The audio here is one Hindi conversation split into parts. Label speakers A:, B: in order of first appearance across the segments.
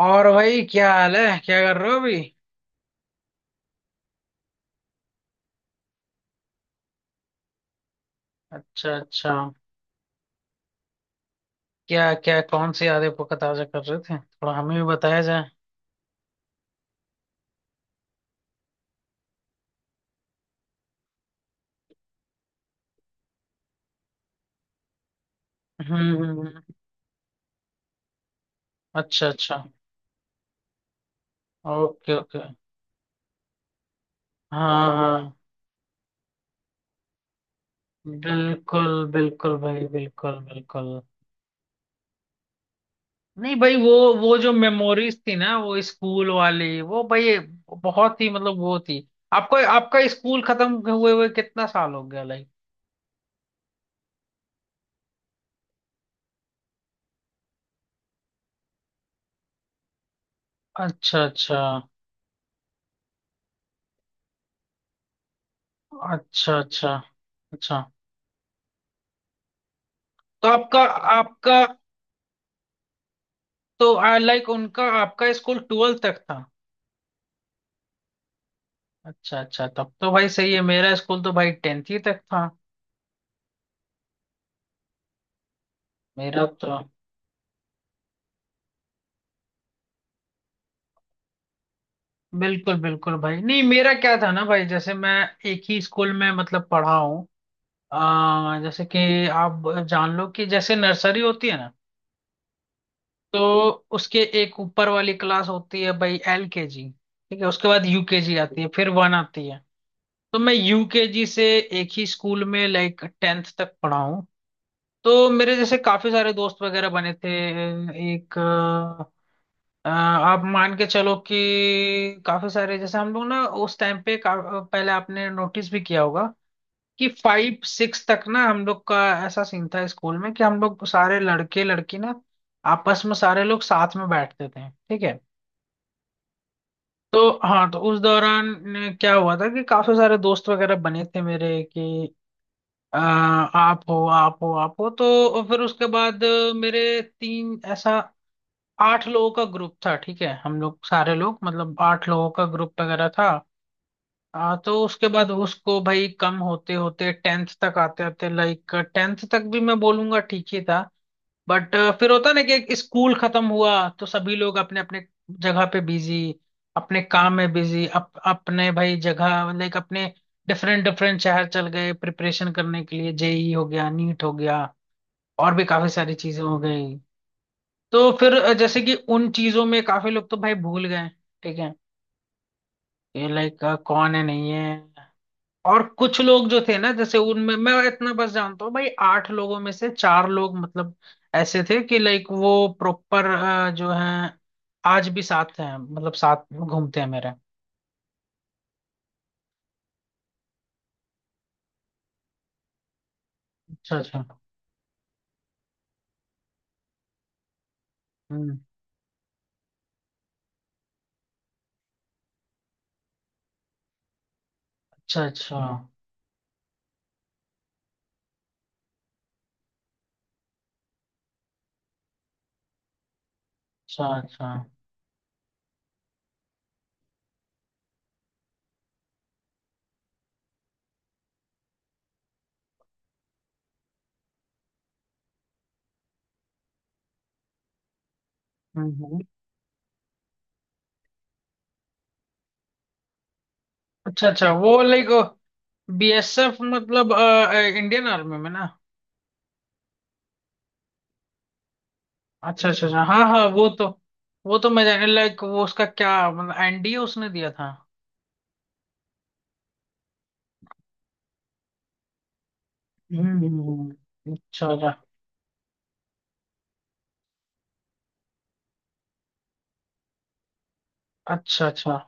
A: और भाई, क्या हाल है? क्या कर रहे हो अभी? अच्छा, अच्छा। क्या क्या कौन सी यादें को ताजा कर रहे थे? थोड़ा हमें भी बताया जाए। हम्म, अच्छा, अच्छा। Okay, okay. हाँ, हाँ। बिल्कुल, बिल्कुल भाई, बिल्कुल बिल्कुल। नहीं भाई, वो जो मेमोरीज थी ना, वो स्कूल वाली, वो भाई बहुत ही मतलब वो थी। आपको आपका स्कूल खत्म हुए हुए कितना साल हो गया, लाइक? अच्छा, अच्छा, अच्छा, अच्छा, अच्छा। तो आपका आपका तो लाइक उनका आपका स्कूल ट्वेल्थ तक था? अच्छा, अच्छा। तब तो भाई सही है। मेरा स्कूल तो भाई टेंथ ही तक था। मेरा तो बिल्कुल बिल्कुल भाई, नहीं, मेरा क्या था ना भाई, जैसे मैं एक ही स्कूल में मतलब पढ़ा हूँ। जैसे कि आप जान लो कि जैसे नर्सरी होती है ना, तो उसके एक ऊपर वाली क्लास होती है भाई एल के जी, ठीक है। उसके बाद यूकेजी आती है, फिर वन आती है। तो मैं यूकेजी से एक ही स्कूल में लाइक टेंथ तक पढ़ा हूँ। तो मेरे जैसे काफी सारे दोस्त वगैरह बने थे। एक आप मान के चलो कि काफी सारे, जैसे हम लोग ना उस टाइम पे पहले आपने नोटिस भी किया होगा कि फाइव सिक्स तक ना हम लोग का ऐसा सीन था स्कूल में कि हम लोग सारे लड़के लड़की ना, आपस में सारे लोग साथ में बैठते थे, ठीक है। तो हाँ, तो उस दौरान क्या हुआ था कि काफी सारे दोस्त वगैरह बने थे मेरे कि आप हो, आप हो, आप हो। तो फिर उसके बाद मेरे तीन ऐसा आठ लोगों का ग्रुप था, ठीक है। हम लोग सारे लोग मतलब आठ लोगों का ग्रुप वगैरह था। तो उसके बाद उसको भाई कम होते होते टेंथ तक आते आते, लाइक टेंथ तक भी मैं बोलूंगा ठीक ही था। बट फिर होता ना कि एक स्कूल खत्म हुआ तो सभी लोग अपने अपने जगह पे बिजी, अपने काम में बिजी, अपने भाई जगह, लाइक अपने डिफरेंट डिफरेंट शहर चल गए प्रिपरेशन करने के लिए, जेई हो गया, नीट हो गया, और भी काफी सारी चीजें हो गई। तो फिर जैसे कि उन चीजों में काफी लोग तो भाई भूल गए, ठीक है, ये लाइक कौन है नहीं है। और कुछ लोग जो थे ना, जैसे उनमें मैं इतना बस जानता हूँ भाई, आठ लोगों में से चार लोग मतलब ऐसे थे कि लाइक वो प्रॉपर जो हैं आज भी साथ हैं, मतलब साथ घूमते हैं मेरे। अच्छा, अच्छा। हम्म। अच्छा, अच्छा। अच्छा, अच्छा। हम्म, अच्छा, अच्छा, वो लाइक बीएसएफ मतलब इंडियन आर्मी में ना? अच्छा, अच्छा, अच्छा, हाँ, हाँ। वो तो मैं जाने, लाइक वो उसका क्या मतलब, एनडीए उसने दिया था? हम्म, अच्छा, अच्छा, अच्छा, अच्छा।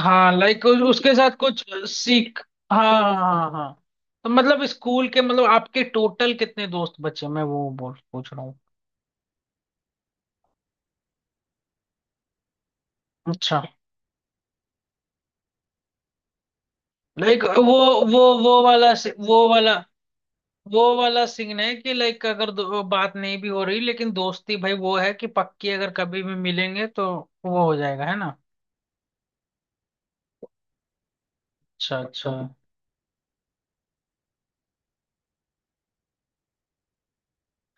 A: हाँ, लाइक उसके साथ कुछ सीख। हाँ, हाँ, हाँ, हाँ। हाँ। तो मतलब स्कूल के मतलब आपके टोटल कितने दोस्त बचे, मैं वो बोल पूछ रहा हूँ। अच्छा। लाइक वो वाला, वो वाला सीन है कि लाइक अगर बात नहीं भी हो रही लेकिन दोस्ती भाई वो है कि पक्की, अगर कभी भी मिलेंगे तो वो हो जाएगा, है ना? अच्छा, अच्छा।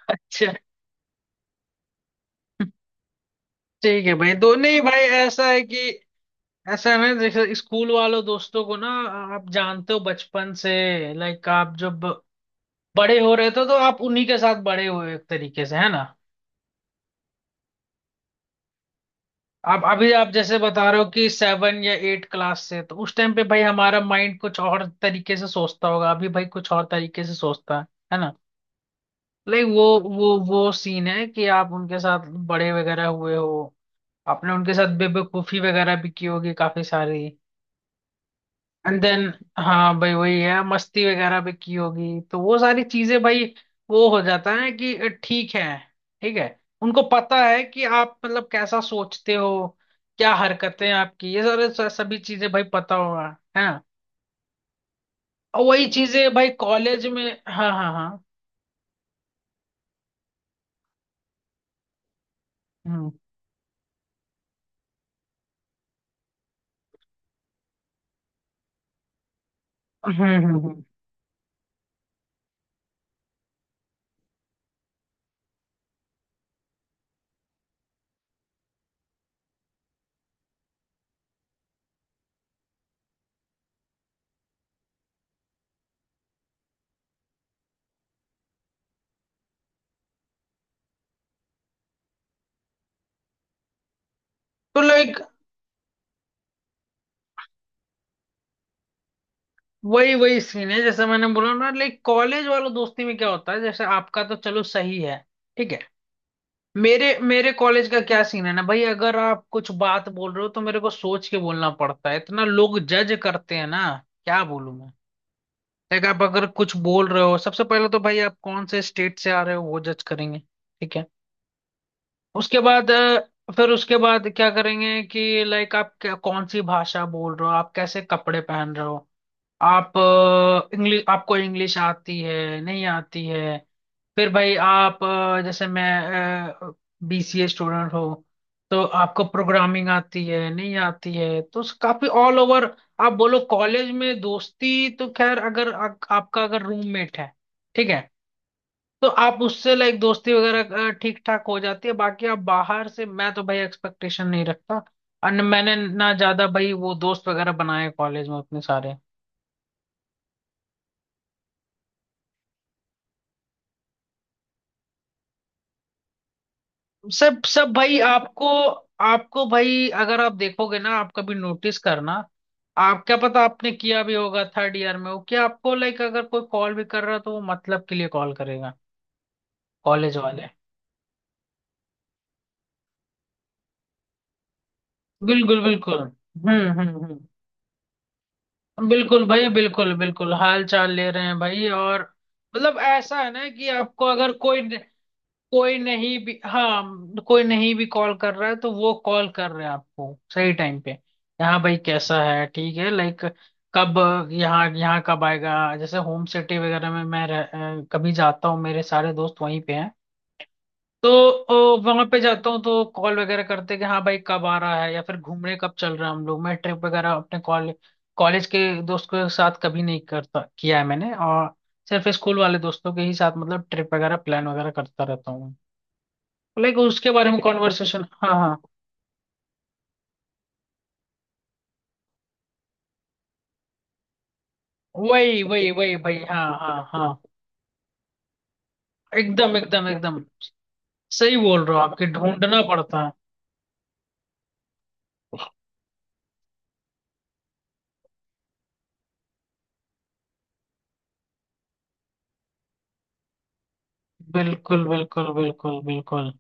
A: अच्छा। ठीक है भाई, दो नहीं भाई, ऐसा है ना, जैसे स्कूल वालों दोस्तों को ना, आप जानते हो बचपन से, लाइक आप जब बड़े हो रहे थे तो आप उन्हीं के साथ बड़े हुए, एक तरीके से, है ना? आप अभी आप जैसे बता रहे हो कि सेवन या एट क्लास से, तो उस टाइम पे भाई हमारा माइंड कुछ और तरीके से सोचता होगा, अभी भाई कुछ और तरीके से सोचता है ना? लाइक वो सीन है कि आप उनके साथ बड़े वगैरह हुए हो, आपने उनके साथ बेवकूफी वगैरह भी की होगी काफी सारी। एंड देन, हाँ भाई वही है, मस्ती वगैरह भी की होगी, तो वो सारी चीजें भाई वो हो जाता है कि ठीक है, ठीक है, उनको पता है कि आप मतलब कैसा सोचते हो, क्या हरकतें हैं आपकी, ये सारे सभी चीजें भाई पता होगा, है ना? और वही चीजें भाई कॉलेज में, हाँ, हाँ, हाँ, हम्म, हम्म, तो लाइक वही वही सीन है जैसे मैंने बोला ना, लाइक कॉलेज वालों दोस्ती में क्या होता है, जैसे आपका तो चलो सही है, ठीक है। मेरे मेरे कॉलेज का क्या सीन है ना भाई, अगर आप कुछ बात बोल रहे हो तो मेरे को सोच के बोलना पड़ता है, इतना लोग जज करते हैं ना। क्या बोलूं मैं? देख, आप अगर कुछ बोल रहे हो, सबसे पहले तो भाई आप कौन से स्टेट से आ रहे हो वो जज करेंगे, ठीक है। उसके बाद फिर उसके बाद क्या करेंगे कि लाइक आप क्या कौन सी भाषा बोल रहे हो, आप कैसे कपड़े पहन रहे हो, आप इंग्लिश, आपको इंग्लिश आती है नहीं आती है। फिर भाई आप जैसे मैं बीसीए स्टूडेंट हो, तो आपको प्रोग्रामिंग आती है नहीं आती है, तो काफी ऑल ओवर। आप बोलो कॉलेज में दोस्ती, तो खैर अगर आपका अगर रूममेट है, ठीक है, तो आप उससे लाइक दोस्ती वगैरह ठीक ठाक हो जाती है, बाकी आप बाहर से मैं तो भाई एक्सपेक्टेशन नहीं रखता। और मैंने ना ज्यादा भाई वो दोस्त वगैरह बनाए कॉलेज में अपने सारे। सब सब भाई आपको, आपको भाई अगर आप देखोगे ना, आप कभी नोटिस करना, आप क्या पता आपने किया भी होगा, थर्ड ईयर में हो, कि आपको लाइक अगर कोई कॉल भी कर रहा है तो वो मतलब के लिए कॉल करेगा, कॉलेज वाले। बिल्कुल, बिल्कुल, हम्म, हम्म, हम्म, बिल्कुल भाई, बिल्कुल बिल्कुल, हाल चाल ले रहे हैं भाई, और मतलब ऐसा है ना कि आपको अगर कोई, कोई नहीं भी, हाँ कोई नहीं भी कॉल कर रहा है तो वो कॉल कर रहे हैं आपको सही टाइम पे, यहाँ भाई कैसा है, ठीक है, लाइक कब, यहाँ यहाँ कब आएगा, जैसे होम सिटी वगैरह में मैं कभी जाता हूँ, मेरे सारे दोस्त वहीं पे हैं, तो वहां पे जाता हूँ तो कॉल वगैरह करते हैं कि हाँ भाई कब आ रहा है, या फिर घूमने कब चल रहा है हम लोग। मैं ट्रिप वगैरह अपने कॉलेज के दोस्त के साथ कभी नहीं करता, किया है मैंने, और सिर्फ स्कूल वाले दोस्तों के ही साथ मतलब ट्रिप वगैरह प्लान वगैरह करता रहता हूँ, लाइक उसके बारे में कॉन्वर्सेशन। हाँ, हाँ, वही वही वही भाई, हाँ, हाँ, हाँ, एकदम, एकदम, एकदम सही बोल रहे हो, आपके ढूंढना पड़ता है, बिल्कुल, बिल्कुल, बिल्कुल, बिल्कुल।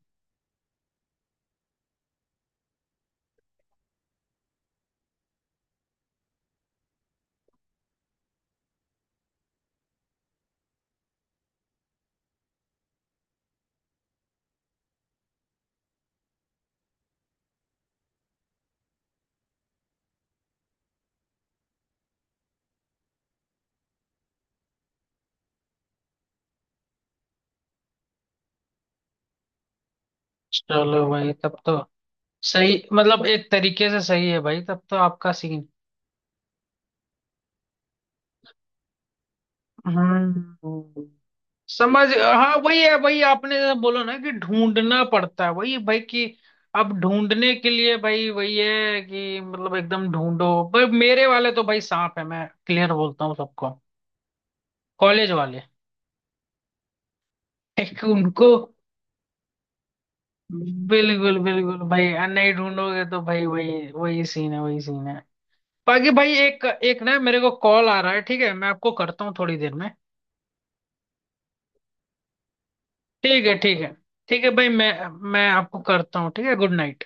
A: चलो भाई तब तो सही, मतलब एक तरीके से सही है भाई तब तो आपका सीन, हम्म, समझ, हाँ वही है, वही आपने जैसा बोला ना कि ढूंढना पड़ता है, वही भाई कि अब ढूंढने के लिए भाई वही है कि मतलब एकदम ढूंढो, पर मेरे वाले तो भाई सांप है, मैं क्लियर बोलता हूँ सबको, कॉलेज वाले। उनको बिल्कुल, बिल्कुल भाई, नहीं ढूंढोगे तो भाई वही वही सीन है, वही सीन है। बाकी भाई, एक एक ना मेरे को कॉल आ रहा है, ठीक है, मैं आपको करता हूँ थोड़ी देर में। ठीक है, ठीक है। ठीक है भाई, मैं आपको करता हूँ, ठीक है। Good night.